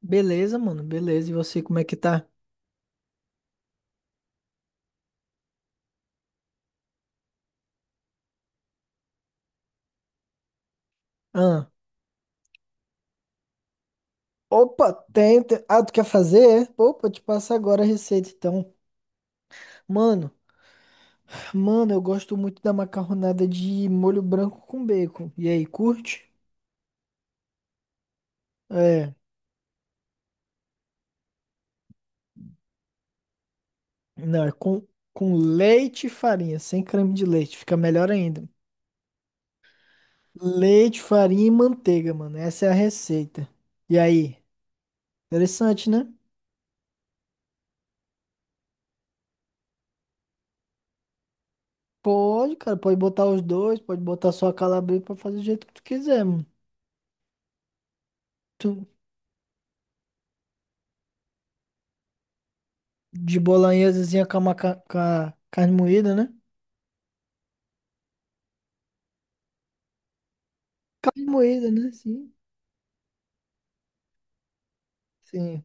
Beleza, mano, beleza. E você, como é que tá? Ah, Opa, tem. Tu quer fazer? É? Pô, te passa agora a receita, então. Mano, Mano, eu gosto muito da macarronada de molho branco com bacon. E aí, curte? É, não, com leite e farinha, sem creme de leite, fica melhor ainda. Leite, farinha e manteiga, mano. Essa é a receita. E aí? Interessante, né? Pode, cara, pode botar os dois, pode botar só a calabresa pra fazer do jeito que tu quiser, mano. De bolonhesazinha com uma com a carne moída, né? Carne moída, né? Sim, sim.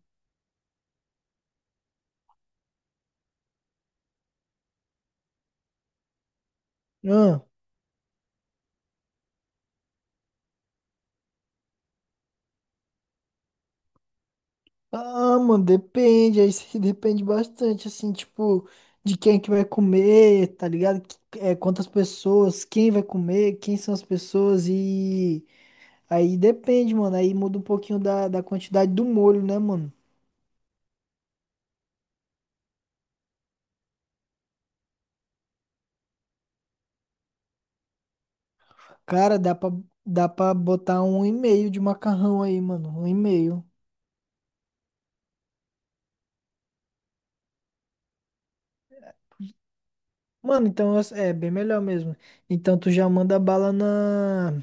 Ah, ah, mano, depende. Aí se depende bastante, assim, tipo, de quem que vai comer, tá ligado? É, quantas pessoas, quem vai comer, quem são as pessoas e... Aí depende, mano. Aí muda um pouquinho da quantidade do molho, né, mano? Cara, dá pra, dá pra botar um e meio de macarrão aí, mano. Um e meio. Mano, então é bem melhor mesmo. Então tu já manda bala na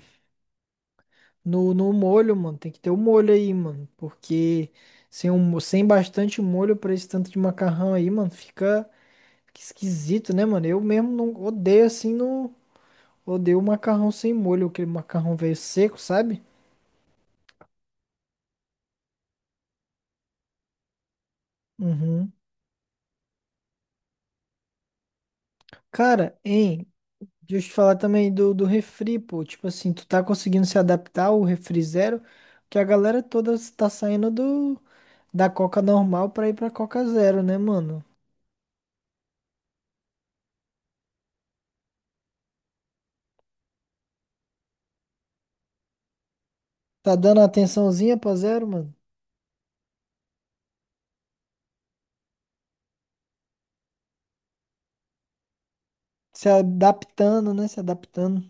no molho, mano. Tem que ter o molho aí, mano, porque sem sem bastante molho pra esse tanto de macarrão aí, mano, fica esquisito, né, mano? Eu mesmo não odeio assim, não odeio o macarrão sem molho, aquele macarrão velho seco, sabe? Uhum. Cara, hein? Deixa eu te falar também do refri, pô. Tipo assim, tu tá conseguindo se adaptar ao refri zero, que a galera toda tá saindo do da Coca normal pra ir pra Coca zero, né, mano? Tá dando atençãozinha pra zero, mano? Se adaptando, né? Se adaptando.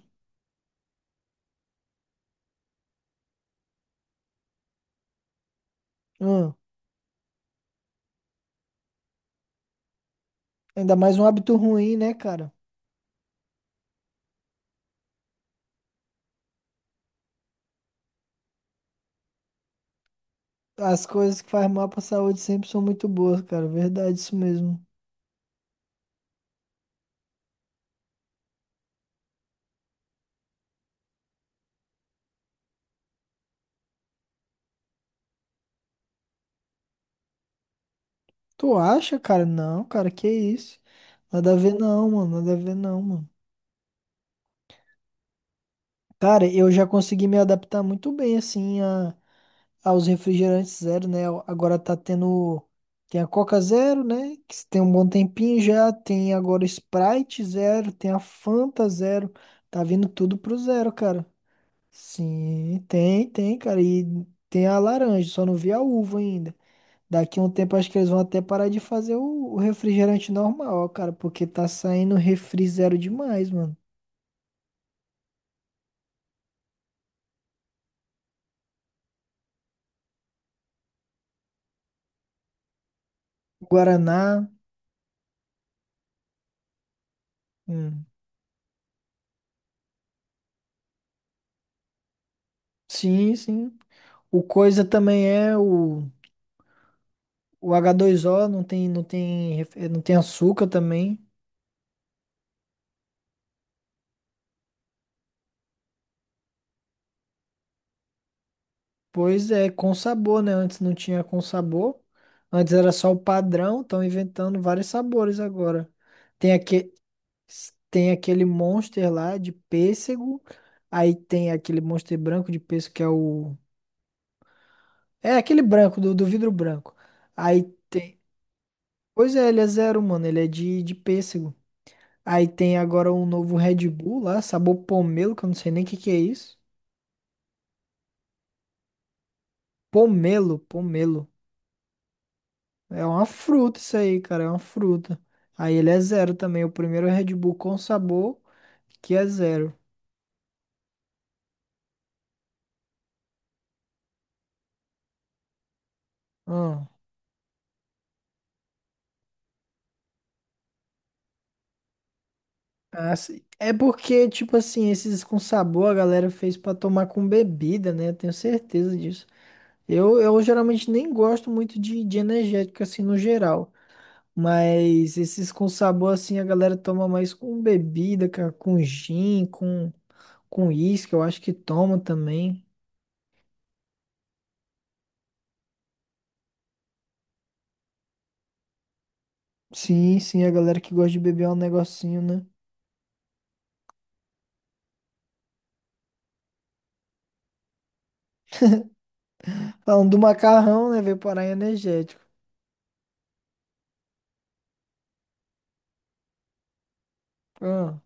Hum. Ainda mais um hábito ruim, né, cara? As coisas que faz mal pra saúde sempre são muito boas, cara. Verdade, isso mesmo. Tu acha, cara? Não, cara, que isso? Nada a ver não, mano. Nada a ver não, mano. Cara, eu já consegui me adaptar muito bem, assim, aos refrigerantes zero, né? Agora tá tendo. Tem a Coca Zero, né? Que tem um bom tempinho já. Tem agora Sprite Zero. Tem a Fanta Zero. Tá vindo tudo pro zero, cara. Sim, tem, tem, cara. E tem a laranja, só não vi a uva ainda. Daqui a um tempo acho que eles vão até parar de fazer o refrigerante normal, cara, porque tá saindo refri zero demais, mano. Guaraná. Hum, sim, sim. O coisa também é o h dois o não tem, não tem açúcar também. Pois é, com sabor, né? Antes não tinha com sabor. Antes era só o padrão, estão inventando vários sabores agora. Tem aque, tem aquele Monster lá de pêssego. Aí tem aquele Monster branco de pêssego que é o. É aquele branco, do vidro branco. Aí tem. Pois é, ele é zero, mano. Ele é de pêssego. Aí tem agora um novo Red Bull lá, sabor pomelo, que eu não sei nem o que que é isso. Pomelo, pomelo. É uma fruta isso aí, cara, é uma fruta. Aí ele é zero também, o primeiro Red Bull com sabor que é zero. Hum. Ah, sim. É porque, tipo assim, esses com sabor a galera fez pra tomar com bebida, né? Eu tenho certeza disso. Eu geralmente nem gosto muito de energético assim no geral. Mas esses com sabor, assim, a galera toma mais com bebida, cara, com gin, com uísque, eu acho que toma também. Sim, sim, a galera que gosta de beber é um negocinho, né? Falando do macarrão, né? Veio parar em energético. Ah,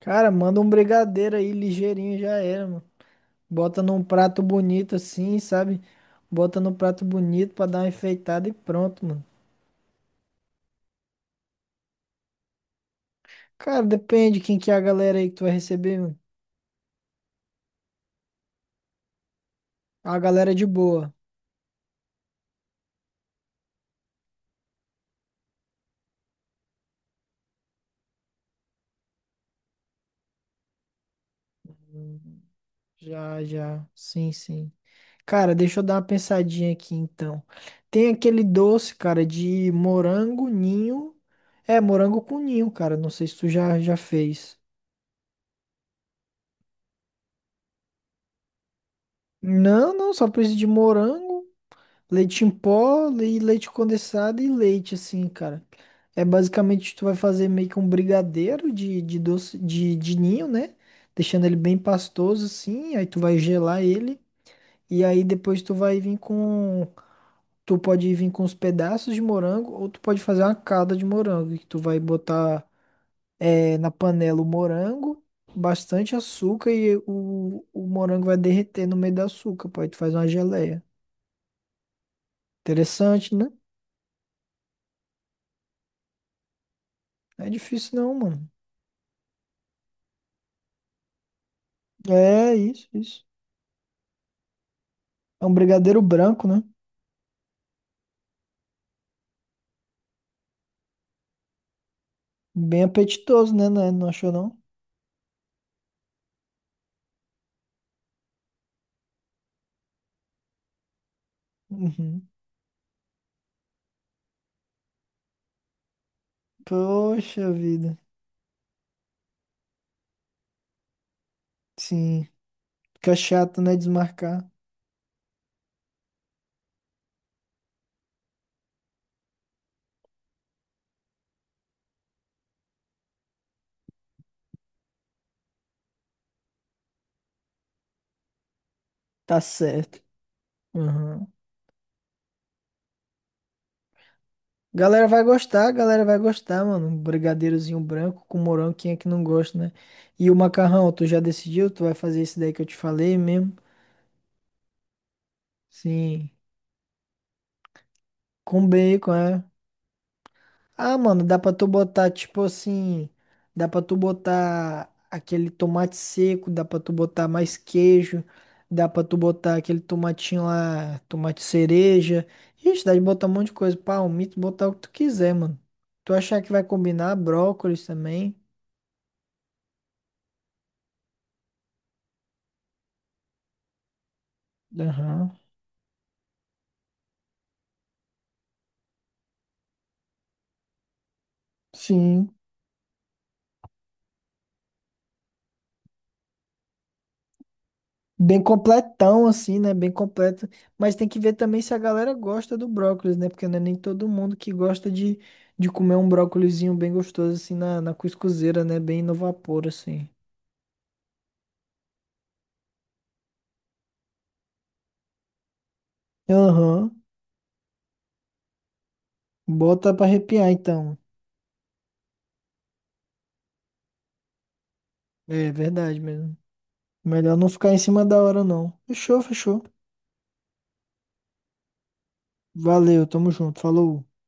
cara, manda um brigadeiro aí, ligeirinho, já era, mano. Bota num prato bonito assim, sabe? Bota num prato bonito pra dar uma enfeitada e pronto, mano. Cara, depende quem que é a galera aí que tu vai receber, mano. A galera de boa. Já, já. Sim, sim. Cara, deixa eu dar uma pensadinha aqui então. Tem aquele doce, cara, de morango ninho. É, morango com ninho, cara. Não sei se tu já, já fez. Não, não, só precisa de morango, leite em pó e leite condensado e leite, assim, cara. É basicamente tu vai fazer meio que um brigadeiro de doce de ninho, né? Deixando ele bem pastoso, assim. Aí tu vai gelar ele. E aí depois tu vai vir com, tu pode vir com os pedaços de morango ou tu pode fazer uma calda de morango, que tu vai botar eh, na panela o morango, bastante açúcar e o morango vai derreter no meio do açúcar, pô, aí tu faz uma geleia. Interessante, né? Não é difícil não, mano. É isso, isso. É um brigadeiro branco, né? Bem apetitoso, né? Não, não achou não? Uhum. Poxa vida. Sim. Fica chato, né? Desmarcar. Tá certo. Uhum. Galera vai gostar, mano. Um brigadeirozinho branco com morango, quem é que não gosta, né? E o macarrão, tu já decidiu? Tu vai fazer esse daí que eu te falei mesmo? Sim. Com bacon, é. Ah, mano, dá pra tu botar, tipo assim. Dá pra tu botar aquele tomate seco, dá pra tu botar mais queijo, dá pra tu botar aquele tomatinho lá, tomate cereja. Ixi, dá de botar um monte de coisa. Palmito, botar o que tu quiser, mano. Tu achar que vai combinar, brócolis também. Aham. Sim, bem completão assim, né? Bem completo. Mas tem que ver também se a galera gosta do brócolis, né? Porque não é nem todo mundo que gosta de comer um brócolizinho bem gostoso assim na, na cuscuzeira, né? Bem no vapor assim. Aham. Bota pra arrepiar então. É verdade mesmo. Melhor não ficar em cima da hora não. Fechou, fechou. Valeu, tamo junto. Falou.